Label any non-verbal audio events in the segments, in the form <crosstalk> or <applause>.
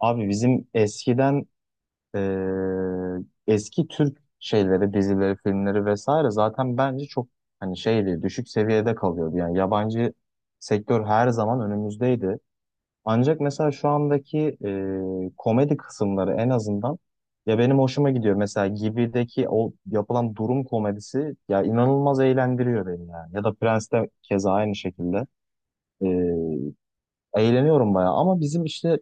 Abi bizim eskiden e, eski Türk şeyleri, dizileri, filmleri vesaire zaten bence çok hani şeydi, düşük seviyede kalıyordu. Yani yabancı sektör her zaman önümüzdeydi. Ancak mesela şu andaki komedi kısımları en azından ya benim hoşuma gidiyor. Mesela Gibi'deki o yapılan durum komedisi ya inanılmaz eğlendiriyor beni yani. Ya da Prens'te keza aynı şekilde. Eğleniyorum bayağı ama bizim işte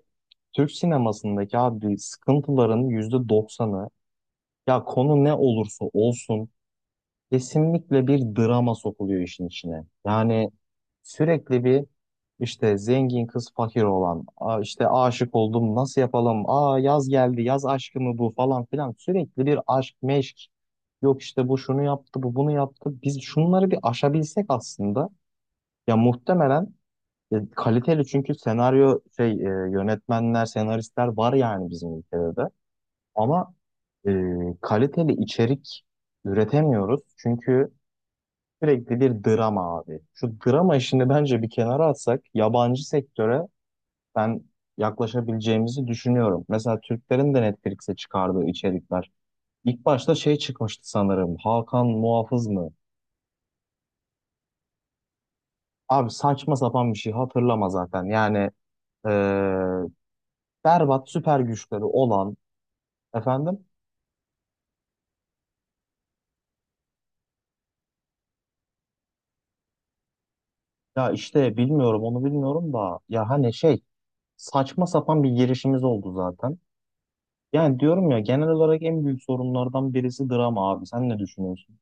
Türk sinemasındaki abi sıkıntıların yüzde doksanı ya konu ne olursa olsun kesinlikle bir drama sokuluyor işin içine. Yani sürekli bir işte zengin kız fakir olan, "Aa, işte aşık oldum nasıl yapalım, aa yaz geldi yaz aşkı mı bu falan filan sürekli bir aşk meşk. Yok işte bu şunu yaptı bu bunu yaptı biz şunları bir aşabilsek aslında ya muhtemelen kaliteli çünkü senaryo yönetmenler, senaristler var yani bizim ülkede de. Ama e, kaliteli içerik üretemiyoruz. Çünkü sürekli bir drama abi. Şu drama işini bence bir kenara atsak yabancı sektöre ben yaklaşabileceğimizi düşünüyorum. Mesela Türklerin de Netflix'e çıkardığı içerikler. İlk başta şey çıkmıştı sanırım. Hakan Muhafız mı? Abi saçma sapan bir şey hatırlama zaten. Yani e, berbat süper güçleri olan Efendim? Ya işte bilmiyorum onu bilmiyorum da ya hani şey saçma sapan bir girişimiz oldu zaten. Yani diyorum ya genel olarak en büyük sorunlardan birisi drama abi. Sen ne düşünüyorsun?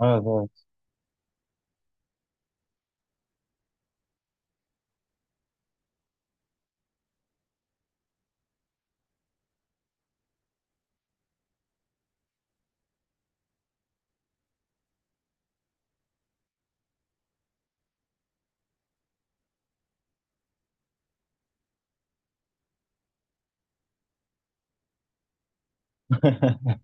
Evet, evet. <laughs>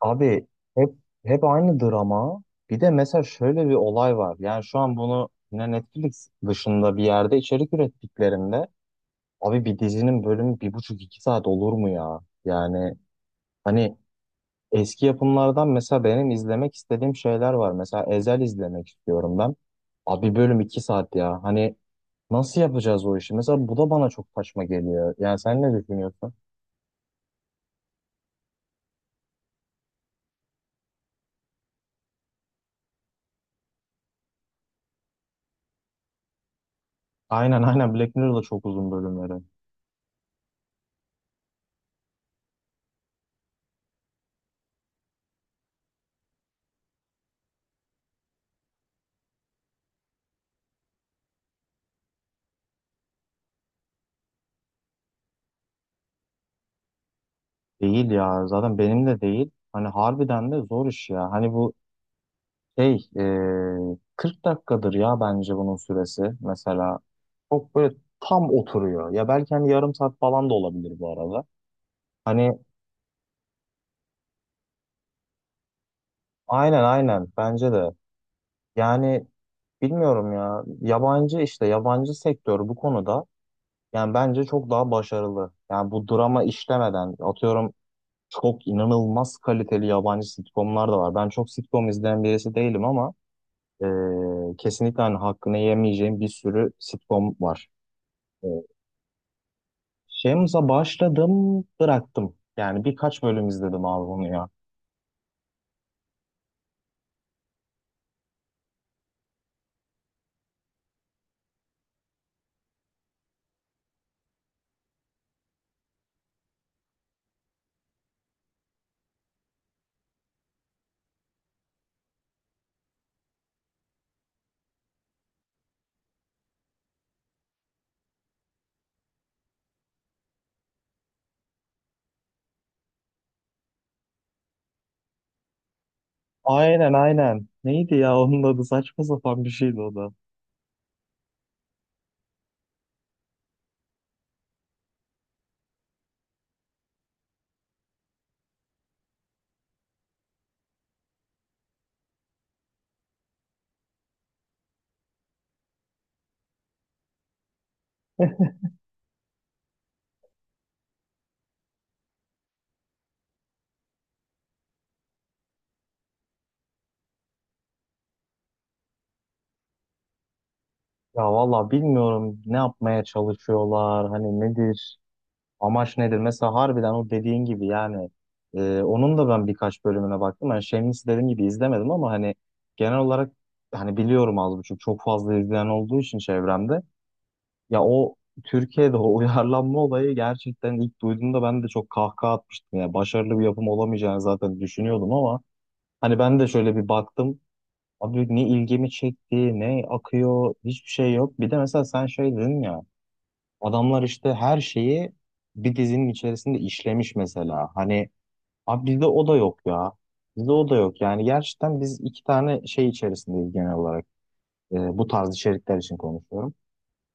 Abi hep hep aynı drama. Bir de mesela şöyle bir olay var. Yani şu an bunu yine Netflix dışında bir yerde içerik ürettiklerinde abi bir dizinin bölümü bir buçuk iki saat olur mu ya? Yani hani eski yapımlardan mesela benim izlemek istediğim şeyler var. Mesela Ezel izlemek istiyorum ben. Abi bölüm 2 saat ya. Hani nasıl yapacağız o işi? Mesela bu da bana çok saçma geliyor. Yani sen ne düşünüyorsun? Aynen, aynen, Black Mirror'da çok uzun bölümleri. Değil ya, zaten benim de değil. Hani harbiden de zor iş ya. Hani bu 40 dakikadır ya bence bunun süresi. Mesela çok böyle tam oturuyor. Ya belki hani yarım saat falan da olabilir bu arada. Hani aynen, aynen, bence de. Yani bilmiyorum ya. Yabancı işte yabancı sektör bu konuda yani bence çok daha başarılı. Yani bu drama işlemeden atıyorum çok inanılmaz kaliteli yabancı sitcomlar da var. Ben çok sitcom izleyen birisi değilim ama e, kesinlikle hani hakkını yemeyeceğim bir sürü sitcom var. E, Shameless'a başladım, bıraktım. Yani birkaç bölüm izledim abi bunu ya. Aynen, aynen. Neydi ya onun adı, saçma sapan bir şeydi o da. Ya valla bilmiyorum ne yapmaya çalışıyorlar, hani nedir, amaç nedir? Mesela harbiden o dediğin gibi yani onun da ben birkaç bölümüne baktım. Yani Shameless dediğim gibi izlemedim ama hani genel olarak hani biliyorum az buçuk, çok fazla izleyen olduğu için çevremde. Ya o Türkiye'de o <laughs> uyarlanma olayı gerçekten ilk duyduğumda ben de çok kahkaha atmıştım. Yani başarılı bir yapım olamayacağını zaten düşünüyordum ama hani ben de şöyle bir baktım. Abi ne ilgimi çekti, ne akıyor, hiçbir şey yok. Bir de mesela sen şey dedin ya, adamlar işte her şeyi bir dizinin içerisinde işlemiş mesela. Hani abi bizde o da yok ya. Bizde o da yok. Yani gerçekten biz iki tane şey içerisindeyiz genel olarak. Bu tarz içerikler için konuşuyorum.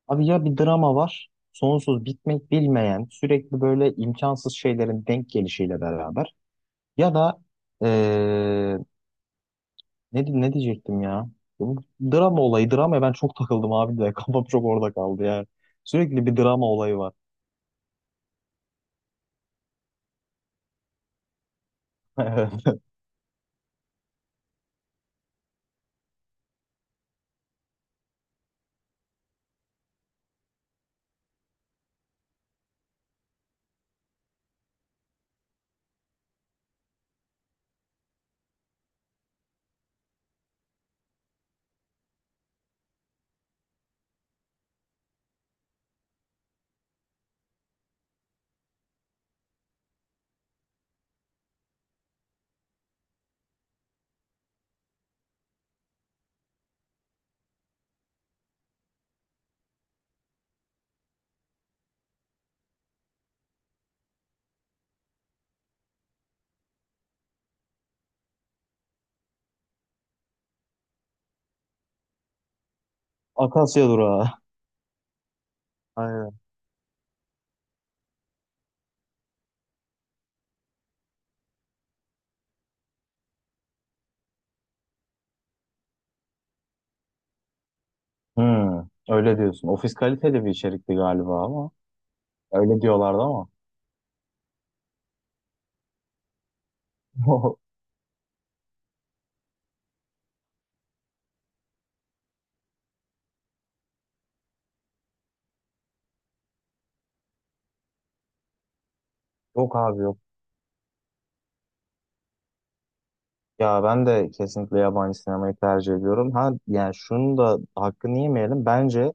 Abi ya bir drama var, sonsuz bitmek bilmeyen, sürekli böyle imkansız şeylerin denk gelişiyle beraber. Ya da ee, ne, ne diyecektim ya? Bu drama olayı. Dramaya ben çok takıldım abi de. <laughs> Kafam çok orada kaldı ya. Sürekli bir drama olayı var. <laughs> Evet. Akasya durağı. Aynen. Hmm, öyle diyorsun. Ofis kaliteli bir içerikti galiba ama. Öyle diyorlardı ama. <laughs> Yok abi, yok. Ya ben de kesinlikle yabancı sinemayı tercih ediyorum. Ha yani şunu da hakkını yemeyelim. Bence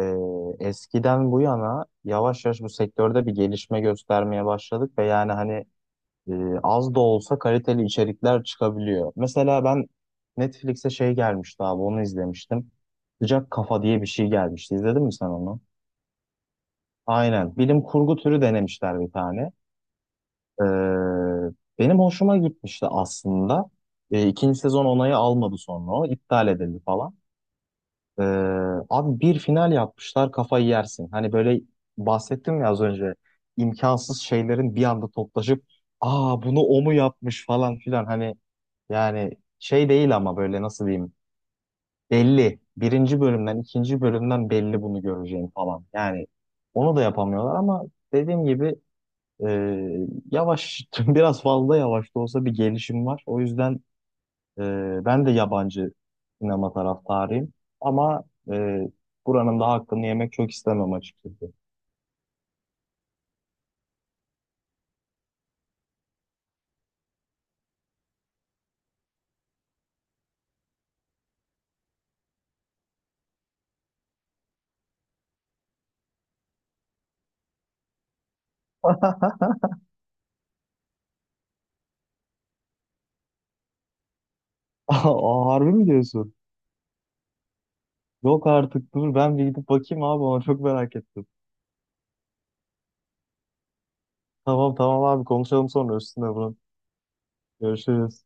e, eskiden bu yana yavaş yavaş bu sektörde bir gelişme göstermeye başladık ve yani hani e, az da olsa kaliteli içerikler çıkabiliyor. Mesela ben Netflix'e şey gelmişti abi, onu izlemiştim. Sıcak Kafa diye bir şey gelmişti. İzledin mi sen onu? Aynen. Bilim kurgu türü denemişler bir tane. Ee, Benim hoşuma gitmişti aslında. İkinci sezon onayı almadı sonra o. iptal edildi falan. Ee, Abi bir final yapmışlar, kafayı yersin. Hani böyle bahsettim ya az önce, imkansız şeylerin bir anda toplaşıp aa bunu o mu yapmış falan filan hani yani şey değil ama böyle nasıl diyeyim belli. Birinci bölümden ikinci bölümden belli bunu göreceğim falan. Yani onu da yapamıyorlar ama dediğim gibi yavaş <laughs> biraz fazla yavaş da olsa bir gelişim var. O yüzden ben de yabancı sinema taraftarıyım. Ama e, buranın da hakkını yemek çok istemem açıkçası. <laughs> Aa, harbi mi diyorsun? Yok artık, dur ben bir gidip bakayım abi, ona çok merak ettim. Tamam, tamam abi, konuşalım sonra üstüne bunu. Görüşürüz.